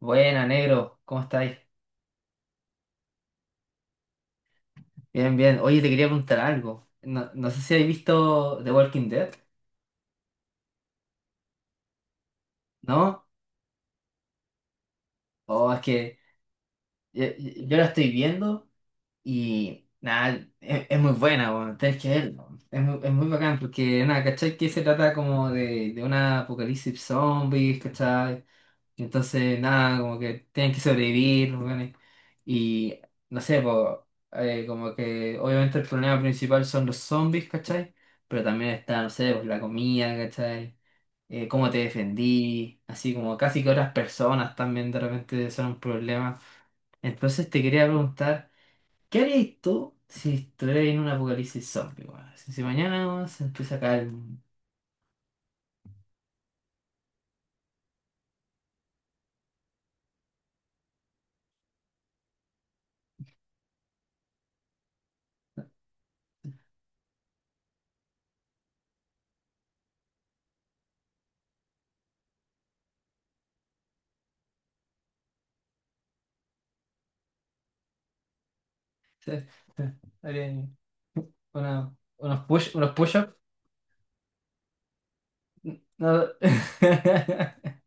Buena, negro, ¿cómo estáis? Bien, bien. Oye, te quería preguntar algo. No, no sé si habéis visto The Walking Dead, ¿no? O es que yo, yo la estoy viendo y nada, es muy buena, bueno, tenés que verla. Es muy bacán porque, nada, ¿cachai? Que se trata como de un apocalipsis zombies, ¿cachai? Y entonces, nada, como que tienen que sobrevivir, los weones. Y no sé, po, como que obviamente el problema principal son los zombies, ¿cachai? Pero también está, no sé, pues, la comida, ¿cachai? Cómo te defendí, así como casi que otras personas también de repente son un problema. Entonces te quería preguntar, ¿qué harías tú si estuvieras en un apocalipsis zombie, weón? Si mañana weón, se empieza a caer el mundo, ¿sí? ¿Harías unos push, unos push? No.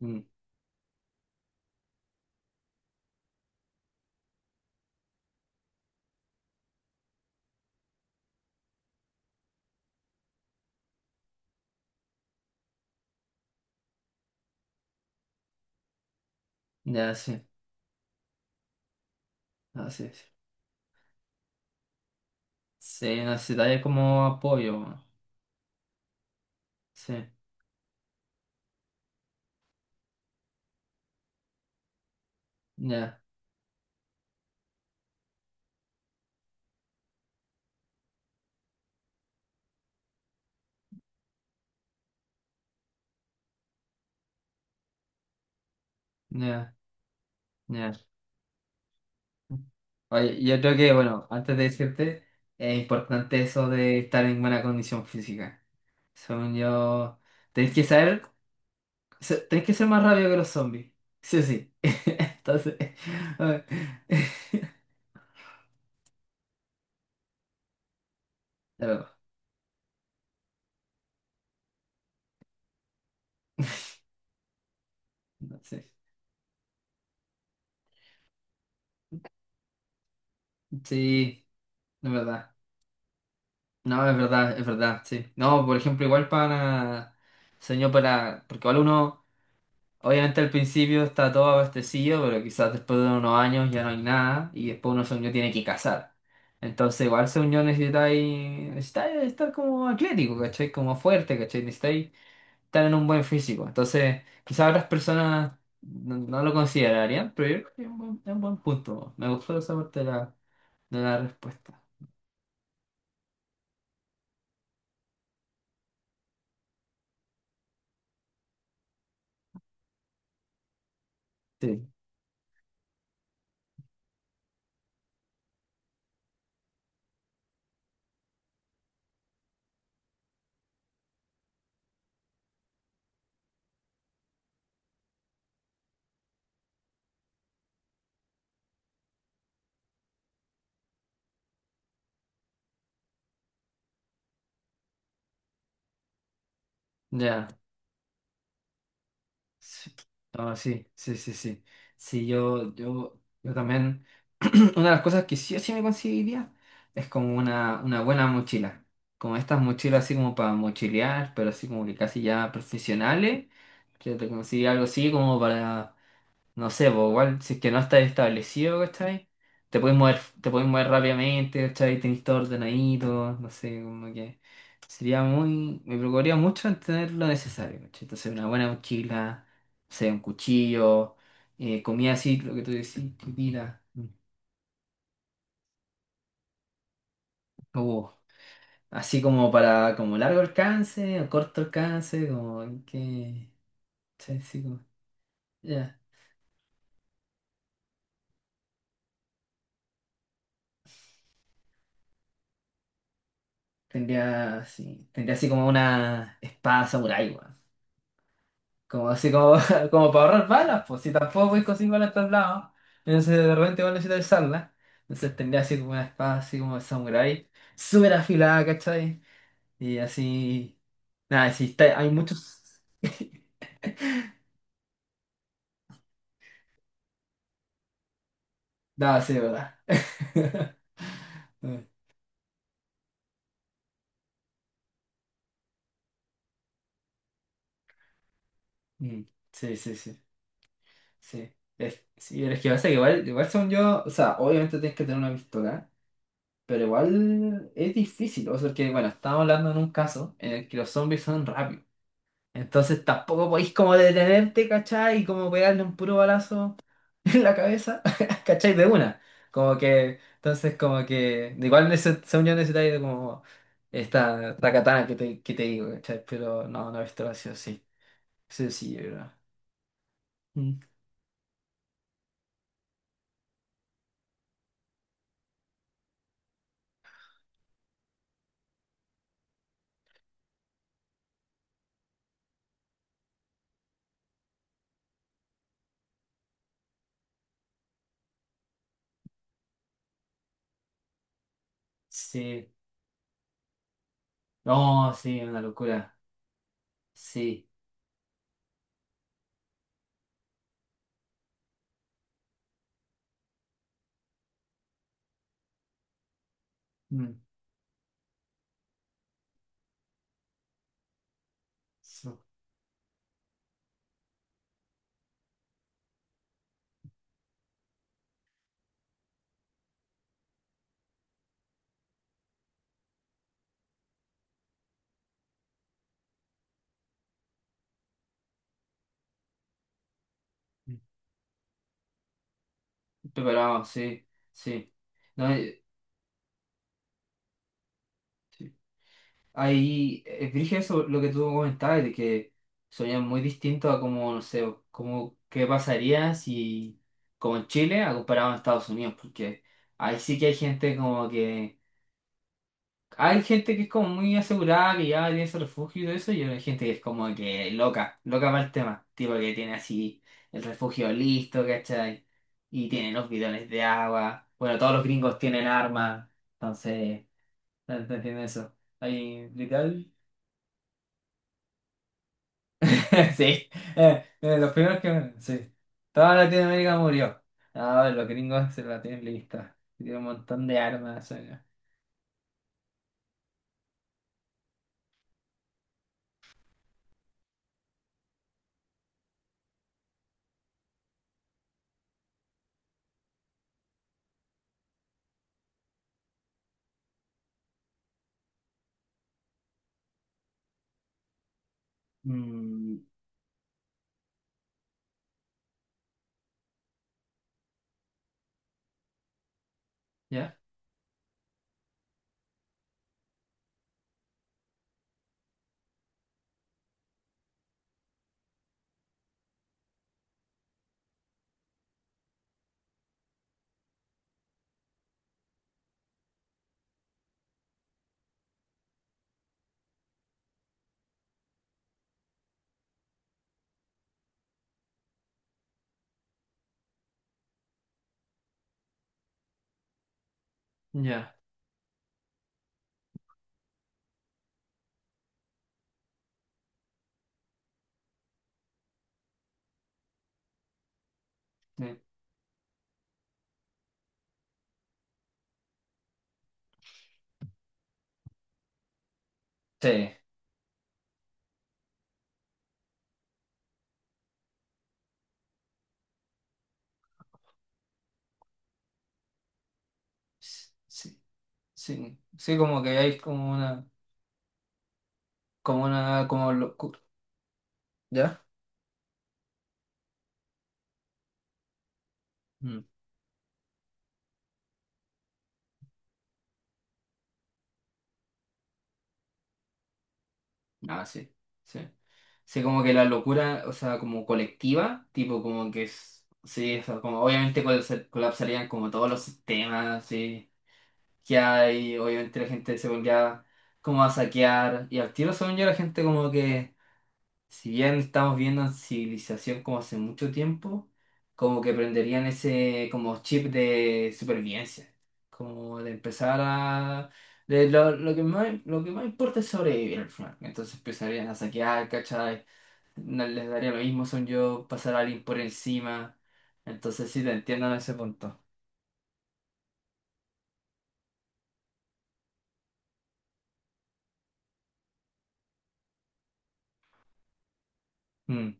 Mm. Ya, sí, así es. Sí, necesitaría como apoyo, ¿no? Sí, ya, ya, ya. Oye, yo creo que, bueno, antes de decirte, es importante eso de estar en buena condición física. Según yo, tenés que saber, tenés que ser más rápido que los zombies. Sí, o sí. Entonces, a ver. Pero, no sé. Sí, es verdad. No, es verdad, sí. No, por ejemplo, igual para, señor, para, porque igual uno, obviamente al principio está todo abastecido, pero quizás después de unos años ya no hay nada y después uno, según tiene que cazar. Entonces, igual, según yo, necesitáis estar como atlético, ¿cachai? Como fuerte, ¿cachai? Necesitáis estar en un buen físico. Entonces, quizás otras personas no, no lo considerarían, pero yo creo que es un buen punto. Me gustó esa parte de la respuesta. Sí. Ya. Sí. No, sí, sí, sí, sí. Sí, yo también. Una de las cosas que sí o sí me conseguiría es como una buena mochila. Como estas mochilas así como para mochilear, pero así como que casi ya profesionales. Yo te conseguí algo así como para. No sé, pues igual, si es que no estás establecido, ¿cachai? Te puedes mover rápidamente, ¿cachai? Tenés todo ordenadito, no sé, como que sería muy, me preocuparía mucho en tener lo necesario, ¿cachai? Entonces una buena mochila, no sé, un cuchillo, comida así, lo que tú decís, chiquitita. Uh, así como para, como largo alcance, o corto alcance, como que, ¿cachai? Así como, ya. Tendría así como una espada samurái, weón. Como así como, como para ahorrar balas, pues si tampoco podéis conseguir balas en todos lados, entonces de repente igual necesitas usarla. Entonces tendría así como una espada así como de samurái, súper afilada, ¿cachai? Y así. Nada, sí, está- hay muchos. Nada, sí, ¿verdad? Mm. Sí, sí, sí. Sí. Es, sí, pero es que pasa que igual, igual según yo, o sea, obviamente tienes que tener una pistola, pero igual es difícil, o sea, que bueno, estamos hablando en un caso en el que los zombies son rápidos. Entonces tampoco podéis como detenerte, ¿cachai? Y como pegarle un puro balazo en la cabeza, ¿cachai? De una. Como que, entonces como que, igual en ese, esa unión necesitáis de como esta, la katana que te digo, ¿cachai? Pero no, no he visto así, sí. Sí, sí, yo creo. Mm. Sí. No, sí, una locura. Sí. Mm, sí. Pero vamos, sí, sí. No, ahí, es dije eso lo que tú comentabas, de que sonían muy distinto a como, no sé, como qué pasaría si, como en Chile, a comparado a Estados Unidos, porque ahí sí que hay gente como que, hay gente que es como muy asegurada, que ya tiene su refugio y todo eso, y hay gente que es como que loca, loca para el tema, tipo que tiene así el refugio listo, ¿cachai? Y tienen los bidones de agua, bueno, todos los gringos tienen armas, entonces, ¿entienden eso? Ahí, literal. Sí, los primeros que... Sí, toda Latinoamérica murió. Ah, bueno, los gringos se la tienen lista. Tienen un montón de armas. Mm. ¿Ya? Ya. eh, sí. Sí, sí, sí, como que hay como una, como una, como locura. ¿Ya? Mm. Ah, sí, sí. Sí, como que la locura, o sea, como colectiva, tipo como que es, sí, o sea, como obviamente colapsarían como todos los sistemas, sí que hay, obviamente la gente se volvía como a saquear, y al tiro según yo la gente como que, si bien estamos viendo civilización como hace mucho tiempo, como que prenderían ese como chip de supervivencia, como de empezar a... De lo que más importa es sobrevivir al final. Entonces empezarían a saquear, ¿cachai? No les daría lo mismo, son yo, pasar a alguien por encima. Entonces sí, te entiendo en ese punto. Mm,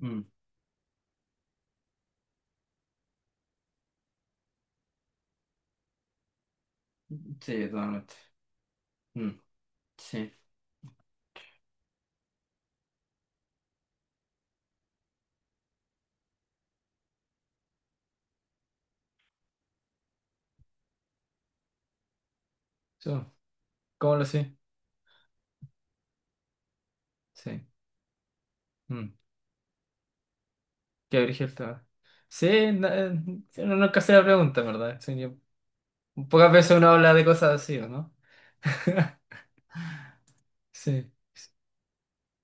mm, sí, totalmente. Mm, sí. Sí, ¿cómo lo sé? Sí. Mm. Qué brígido estaba. Sí, no, sí, uno nunca se la pregunta, en ¿verdad? Pocas veces uno habla de cosas así, ¿o no? Sí, es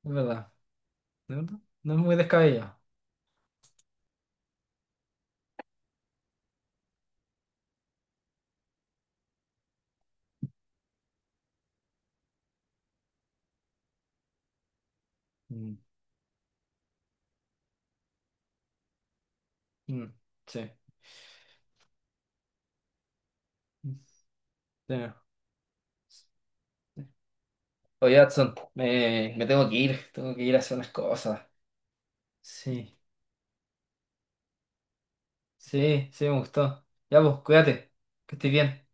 verdad. ¿De verdad? No es muy descabellado. Mm. Mm. Sí. Mm. Sí. Oye, Adson, me tengo que ir a hacer unas cosas. Sí, sí, sí, me gustó. Ya, pues, cuídate, que estés bien.